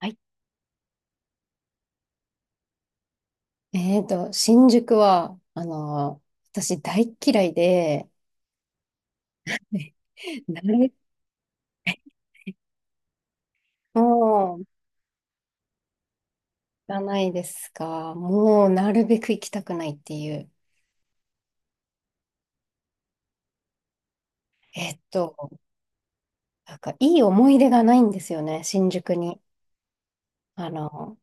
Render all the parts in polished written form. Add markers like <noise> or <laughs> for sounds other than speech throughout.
はい。新宿は、私大嫌いで、ね <laughs> 誰も行かないですが、もうなるべく行きたくないっていう、えっと、なんかいい思い出がないんですよね、新宿に。あの、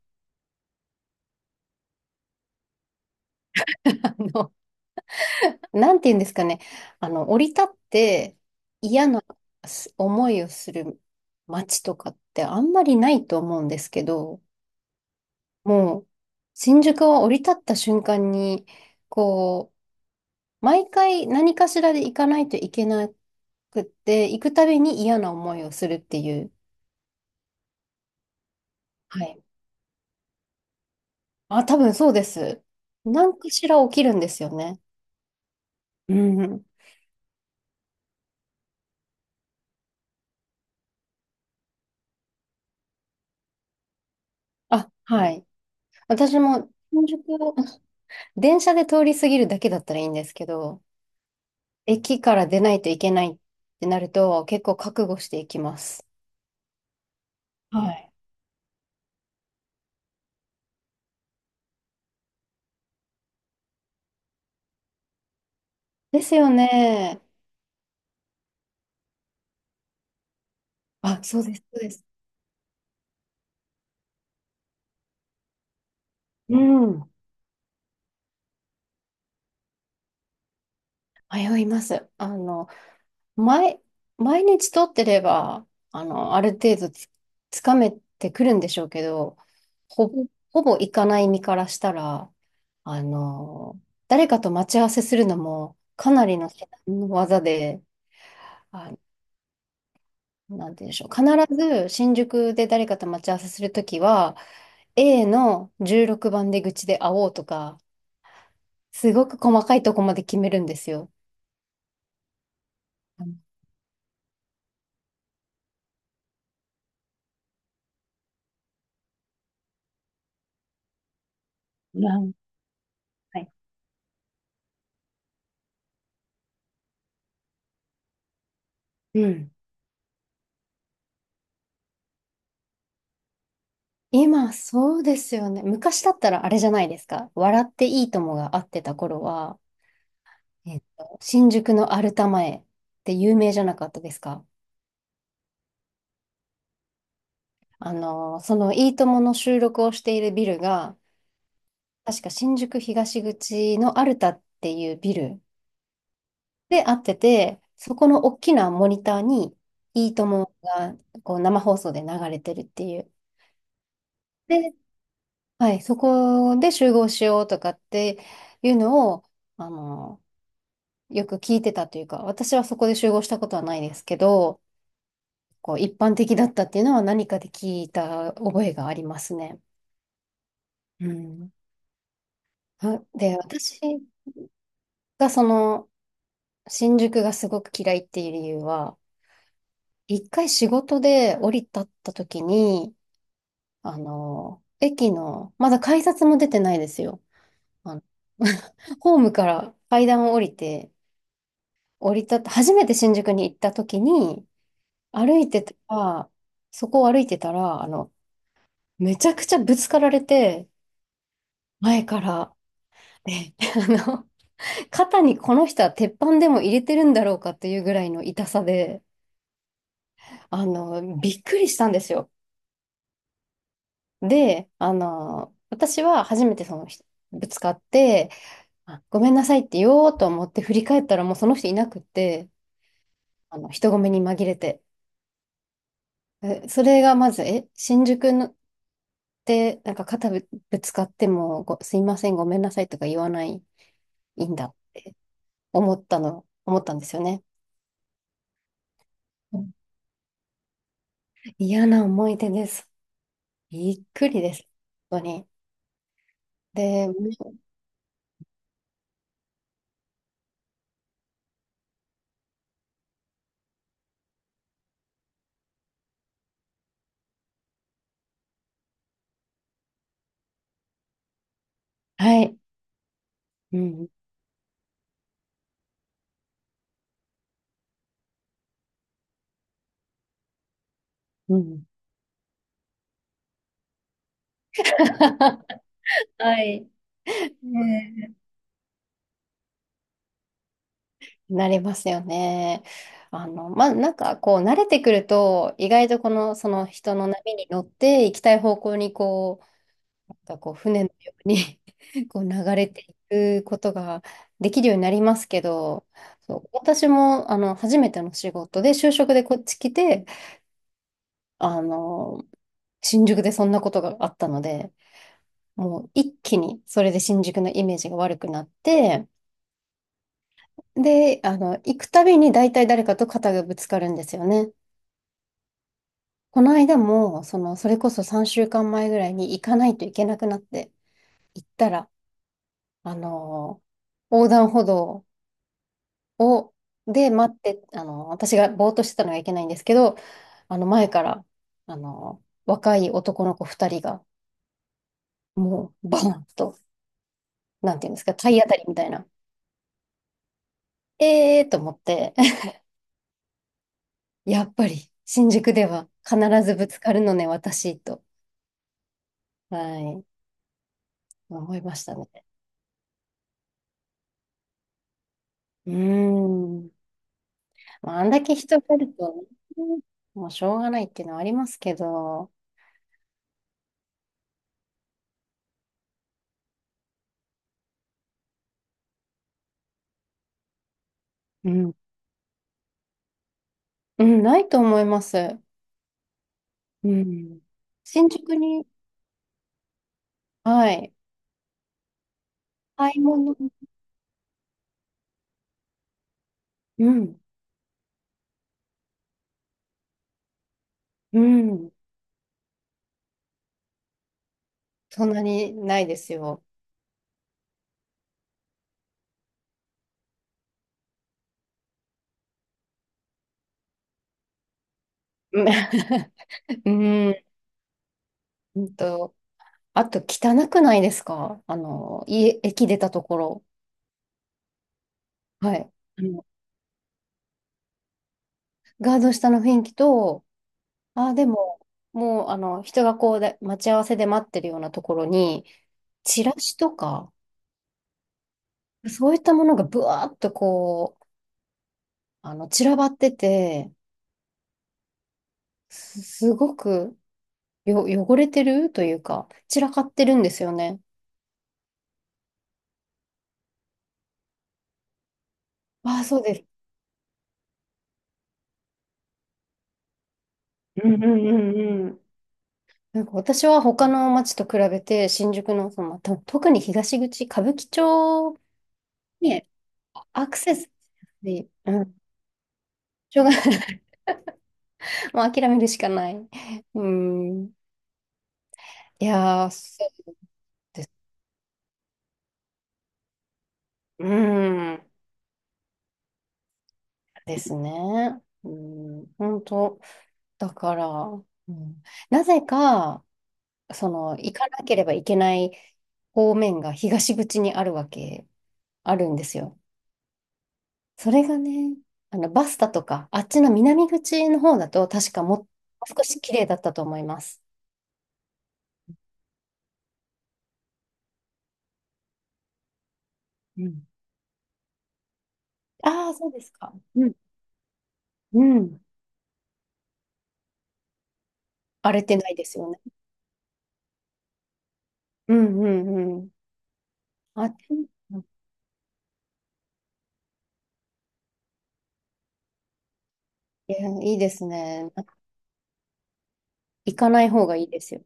<laughs> あの、なんて言うんですかね、降り立って嫌な思いをする街とかってあんまりないと思うんですけど、もう、新宿は降り立った瞬間に、こう、毎回何かしらで行かないといけなくって、行くたびに嫌な思いをするっていう。はい。あ、多分そうです。何かしら起きるんですよね。うん。あ、はい。私も新宿を電車で通り過ぎるだけだったらいいんですけど、駅から出ないといけないってなると結構覚悟していきます。はい。ですよね。あ、そうです、そうです。うん。迷います。毎、毎日撮ってれば、ある程度つかめてくるんでしょうけど、ほぼ、ほぼ行かない身からしたら、あの、誰かと待ち合わせするのも、かなりの至難の技で、あ、なんて言うんでしょう。必ず新宿で誰かと待ち合わせするときは、A の16番出口で会おうとか、すごく細かいとこまで決めるんですよ。うん。はい。うん。今、そうですよね。昔だったらあれじゃないですか。笑っていいともが会ってた頃は、新宿のアルタ前って有名じゃなかったですか？そのいいともの収録をしているビルが、確か新宿東口のアルタっていうビルで会ってて、そこの大きなモニターにいいともがこう生放送で流れてるっていう。で、はい、そこで集合しようとかっていうのを、あの、よく聞いてたというか、私はそこで集合したことはないですけど、こう一般的だったっていうのは何かで聞いた覚えがありますね。うん。で、私がその新宿がすごく嫌いっていう理由は、一回仕事で降り立った時に、駅の、まだ改札も出てないですよ。あの <laughs> ホームから階段を降りて、降り立った、初めて新宿に行った時に、歩いてたら、そこを歩いてたら、めちゃくちゃぶつかられて、前から。で、<laughs> あの、肩にこの人は鉄板でも入れてるんだろうかっていうぐらいの痛さで、びっくりしたんですよ。で、私は初めてその人、ぶつかって、あごめんなさいって言おうと思って振り返ったらもうその人いなくって、人混みに紛れて。それがまず、新宿のって、なんか肩ぶつかってもすいません、ごめんなさいとか言わない、いいんだ、思ったんですよね。嫌な思い出です。びっくりです。本当に。で、はい。うん。うん。<laughs> はい。ねえなりますよね。まあ、なんかこう、慣れてくると、意外とこの、その人の波に乗って行きたい方向にこう、なんかこう、船のように <laughs> こう流れていくことができるようになりますけど、そう、私も、初めての仕事で、就職でこっち来て、あの、新宿でそんなことがあったので、もう一気にそれで新宿のイメージが悪くなって、で、行くたびに大体誰かと肩がぶつかるんですよね。この間も、その、それこそ3週間前ぐらいに行かないといけなくなって行ったら、あの、横断歩道を、で待って、私がぼーっとしてたのがいけないんですけど、前から、若い男の子2人が、もう、バーンと、なんていうんですか、体当たりみたいな。ええーと思って、<laughs> やっぱり新宿では必ずぶつかるのね、私と、はい、思いましたね。うーん。まあ、あんだけ人がいるとね、もうしょうがないっていうのはありますけど、うん、うん、ないと思います。うん。新宿に、はい、買い物、うん、うん、そんなにないですよ。うん、<laughs> うんうんと、あと汚くないですか？駅出たところ。はい。あの、ガード下の雰囲気と、ああ、でも、もう、人がこうで、待ち合わせで待ってるようなところに、チラシとか、そういったものがブワーっとこう、散らばってて、すごく汚れてるというか、散らかってるんですよね。ああ、そうです。うんうんうんうん。なんか私は他の街と比べて、新宿の、その、特に東口、歌舞伎町にアクセスしやすい、うん、場がもう諦めるしかない。うん。いやー、そうです。うん。ですね。うん。本当。だから、うん、なぜか、その、行かなければいけない方面が東口にあるわけ、あるんですよ。それがね、バスタとか、あっちの南口の方だと、確かもう少し綺麗だったと思います。うん。ああ、そうですか。うん。うん。荒れてないですよね。うんうんうん。あっち、いや、いいですね。行かない方がいいですよ。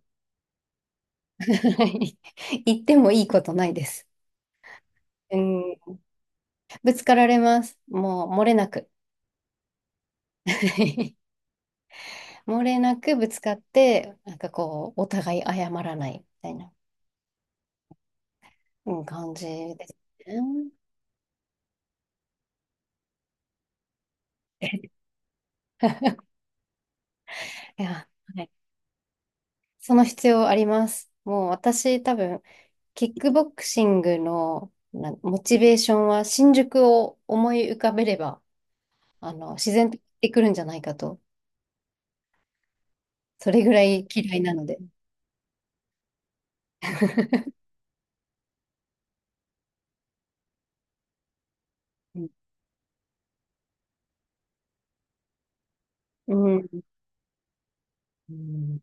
<laughs> 行ってもいいことないです。うん、ぶつかられます。もう漏れなく。<laughs> 漏れなくぶつかって、なんかこう、お互い謝らないみたいな、うん、感じですね。<laughs> いや、はい。その必要あります。もう私多分、キックボクシングのなモチベーションは新宿を思い浮かべれば、自然と行ってくるんじゃないかと、それぐらい嫌いなので。<laughs> うん。うん